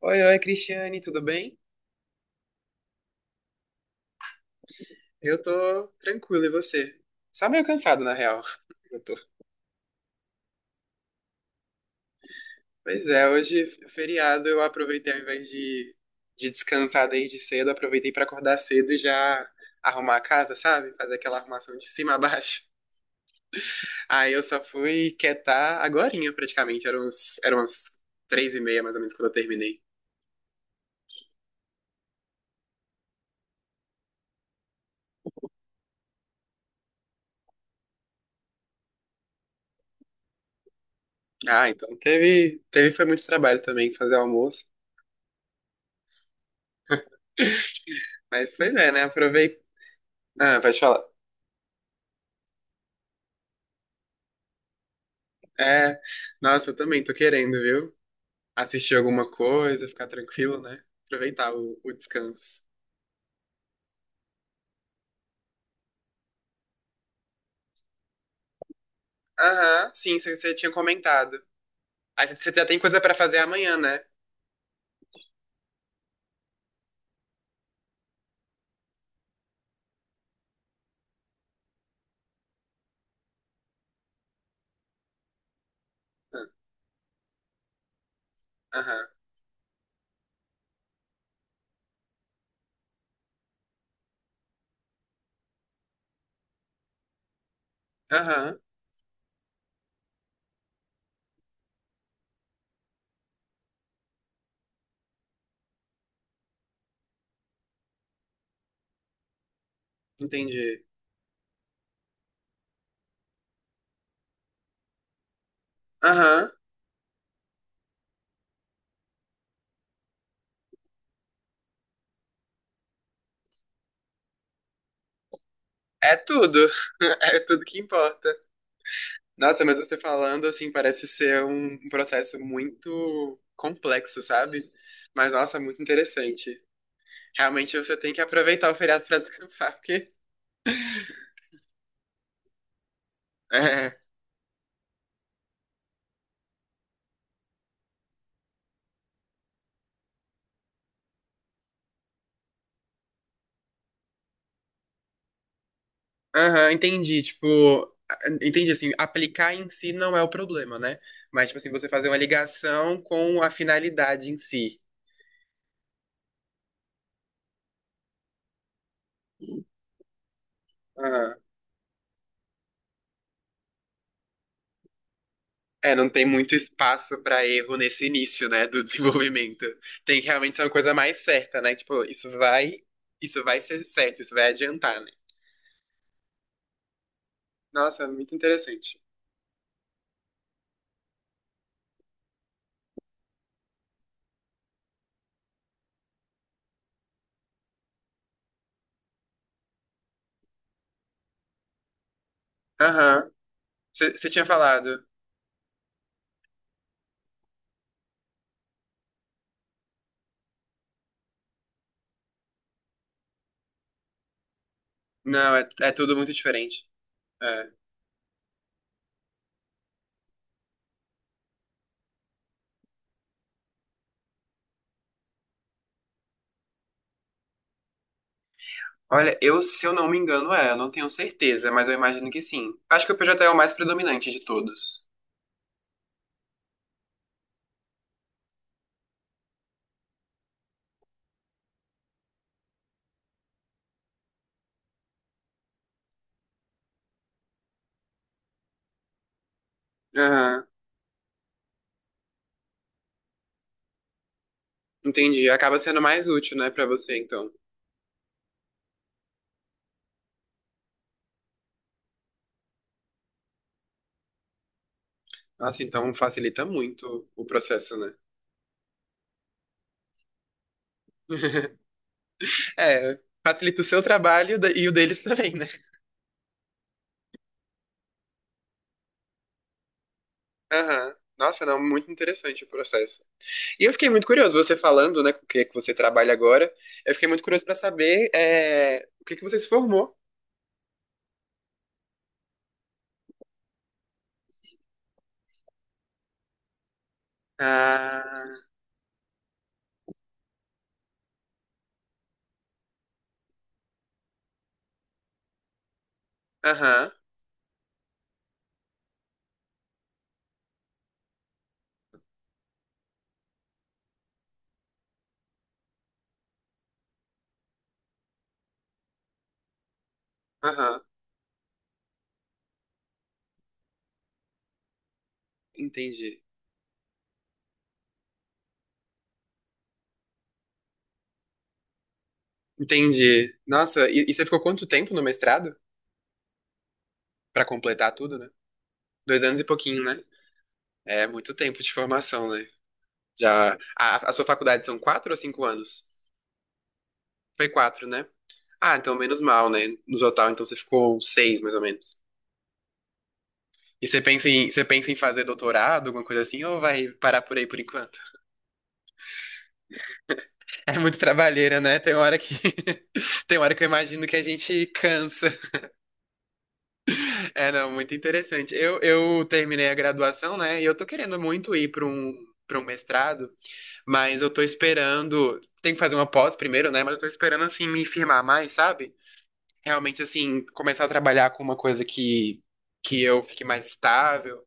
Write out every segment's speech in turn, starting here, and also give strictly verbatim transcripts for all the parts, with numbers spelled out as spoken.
Oi, oi, Cristiane, tudo bem? Eu tô tranquilo, e você? Só meio cansado, na real. Eu tô. Pois é, hoje, é feriado, eu aproveitei, ao invés de, de descansar desde cedo, aproveitei pra acordar cedo e já arrumar a casa, sabe? Fazer aquela arrumação de cima a baixo. Aí eu só fui quietar agorinha, praticamente. Eram uns, eram umas três e meia, mais ou menos, quando eu terminei. Ah, então teve, teve foi muito trabalho também fazer o almoço. Mas pois é, né? Aprovei. Ah, pode falar. É, nossa, eu também tô querendo, viu? Assistir alguma coisa, ficar tranquilo, né? Aproveitar o, o descanso. Aham, sim, você tinha comentado. Aí você já tem coisa pra fazer amanhã, né? Ah, aham, aham, entendi. Aham, é tudo. É tudo que importa. Nossa, mas você falando, assim, parece ser um um processo muito complexo, sabe? Mas, nossa, muito interessante. Realmente você tem que aproveitar o feriado pra descansar, porque... é, aham, entendi. Tipo, entendi assim, aplicar em si não é o problema, né? Mas, tipo assim, você fazer uma ligação com a finalidade em si. Aham. É, não tem muito espaço pra erro nesse início, né, do desenvolvimento. Tem que realmente ser uma coisa mais certa, né? Tipo, isso vai, isso vai ser certo, isso vai adiantar, né? Nossa, é muito interessante. Aham. Você tinha falado. Não, é, é tudo muito diferente. É. Olha, eu, se eu não me engano, é, eu não tenho certeza, mas eu imagino que sim. Acho que o P J é o mais predominante de todos. Aham, entendi. Acaba sendo mais útil, né, pra você, então. Nossa, então facilita muito o processo, né? É, facilita o seu trabalho da- e o deles também, né? Aham. Nossa, não, muito interessante o processo. E eu fiquei muito curioso, você falando, né, com o que que você trabalha agora, eu fiquei muito curioso pra saber, é, o que que você se formou. Ah, aham, aham, entendi. Entendi. Nossa, e, e você ficou quanto tempo no mestrado? Pra completar tudo, né? Dois anos e pouquinho, né? É muito tempo de formação, né? Já. A, a sua faculdade são quatro ou cinco anos? Foi quatro, né? Ah, então menos mal, né? No total, então você ficou seis, mais ou menos. E você pensa em, você pensa em fazer doutorado, alguma coisa assim, ou vai parar por aí por enquanto? É muito trabalheira, né? Tem hora que. Tem hora que eu imagino que a gente cansa. É, não, muito interessante. Eu, eu terminei a graduação, né? E eu tô querendo muito ir para um, para um mestrado, mas eu tô esperando. Tem que fazer uma pós primeiro, né? Mas eu tô esperando, assim, me firmar mais, sabe? Realmente, assim, começar a trabalhar com uma coisa que, que eu fique mais estável,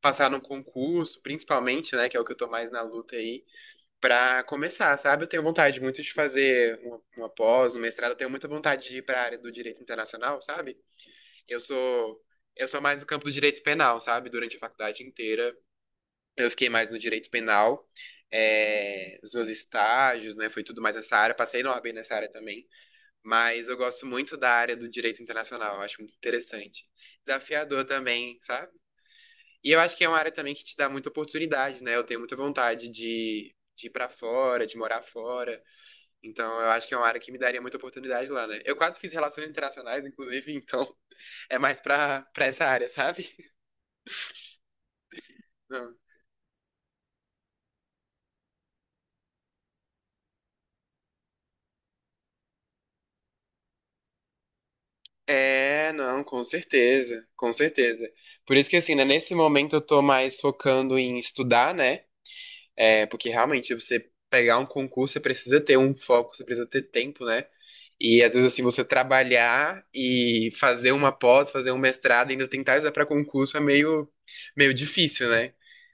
passar num concurso, principalmente, né? Que é o que eu tô mais na luta aí, pra começar, sabe? Eu tenho vontade muito de fazer uma, uma pós, um mestrado, eu tenho muita vontade de ir pra área do direito internacional, sabe? Eu sou, eu sou mais no campo do direito penal, sabe? Durante a faculdade inteira, eu fiquei mais no direito penal. É, os meus estágios, né? Foi tudo mais nessa área. Passei na OAB nessa área também. Mas eu gosto muito da área do direito internacional. Eu acho muito interessante. Desafiador também, sabe? E eu acho que é uma área também que te dá muita oportunidade, né? Eu tenho muita vontade de, de ir pra fora, de morar fora. Então eu acho que é uma área que me daria muita oportunidade lá, né? Eu quase fiz relações internacionais, inclusive, então é mais pra, pra essa área, sabe? Não. É, não, com certeza, com certeza. Por isso que assim, né, nesse momento eu tô mais focando em estudar, né? É, porque realmente você pegar um concurso, você precisa ter um foco, você precisa ter tempo, né? E às vezes assim, você trabalhar e fazer uma pós, fazer um mestrado, ainda tentar usar para concurso é meio meio difícil, né?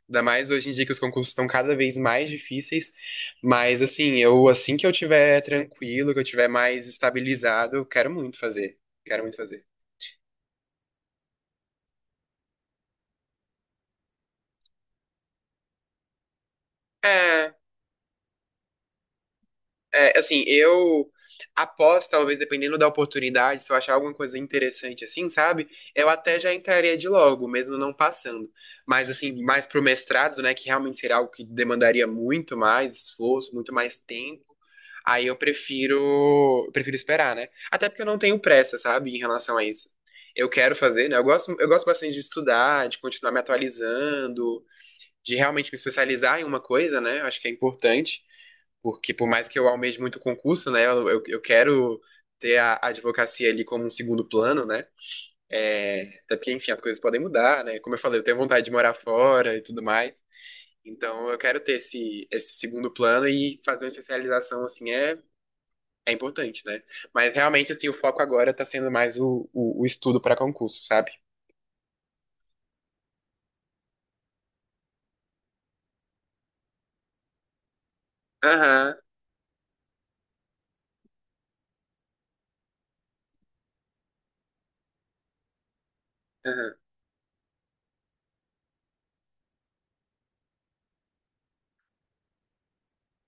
Ainda mais hoje em dia que os concursos estão cada vez mais difíceis, mas assim, eu assim que eu tiver tranquilo, que eu tiver mais estabilizado, eu quero muito fazer. Quero muito fazer. É, é, assim, eu após, talvez, dependendo da oportunidade, se eu achar alguma coisa interessante assim, sabe? Eu até já entraria de logo, mesmo não passando. Mas, assim, mais pro mestrado, né, que realmente seria algo que demandaria muito mais esforço, muito mais tempo. Aí eu prefiro, prefiro esperar, né? Até porque eu não tenho pressa, sabe, em relação a isso. Eu quero fazer, né? Eu gosto, eu gosto bastante de estudar, de continuar me atualizando, de realmente me especializar em uma coisa, né? Eu acho que é importante. Porque por mais que eu almeje muito concurso, né? Eu, eu, eu quero ter a a advocacia ali como um segundo plano, né? É, até porque, enfim, as coisas podem mudar, né? Como eu falei, eu tenho vontade de morar fora e tudo mais. Então, eu quero ter esse, esse segundo plano e fazer uma especialização, assim, é, é importante, né? Mas realmente, assim, o foco agora tá sendo mais o, o, o estudo para concurso, sabe? Aham, aham,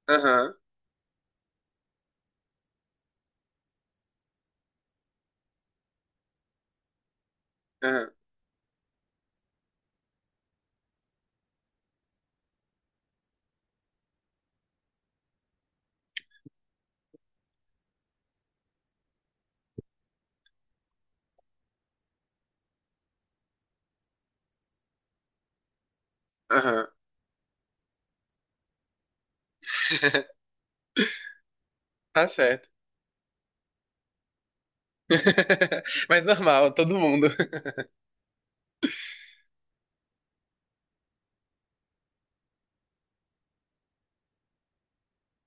aham, aham, aham. Tá certo. Mas normal, todo mundo.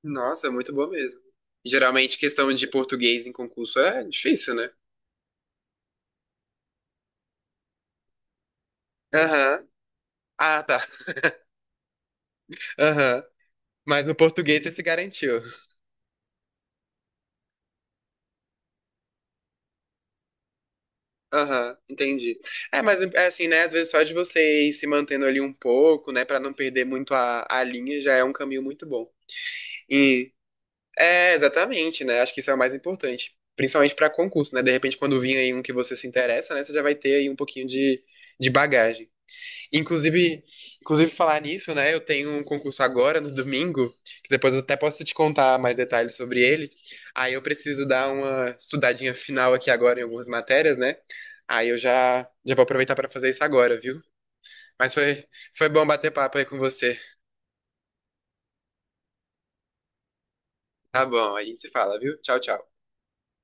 Nossa, é muito boa mesmo. Geralmente, questão de português em concurso é difícil, né? Aham. Ah, tá. Aham. Mas no português você se garantiu. Aham, entendi. É, mas é assim, né? Às vezes só de você ir se mantendo ali um pouco, né? Pra não perder muito a, a linha, já é um caminho muito bom. E é, exatamente, né? Acho que isso é o mais importante. Principalmente pra concurso, né? De repente, quando vir aí um que você se interessa, né? Você já vai ter aí um pouquinho de, de bagagem. Inclusive, inclusive falar nisso, né? Eu tenho um concurso agora, no domingo, que depois eu até posso te contar mais detalhes sobre ele. Aí eu preciso dar uma estudadinha final aqui agora em algumas matérias, né? Aí eu já, já vou aproveitar para fazer isso agora, viu? Mas foi, foi bom bater papo aí com você. Tá bom, aí se fala, viu? Tchau, tchau.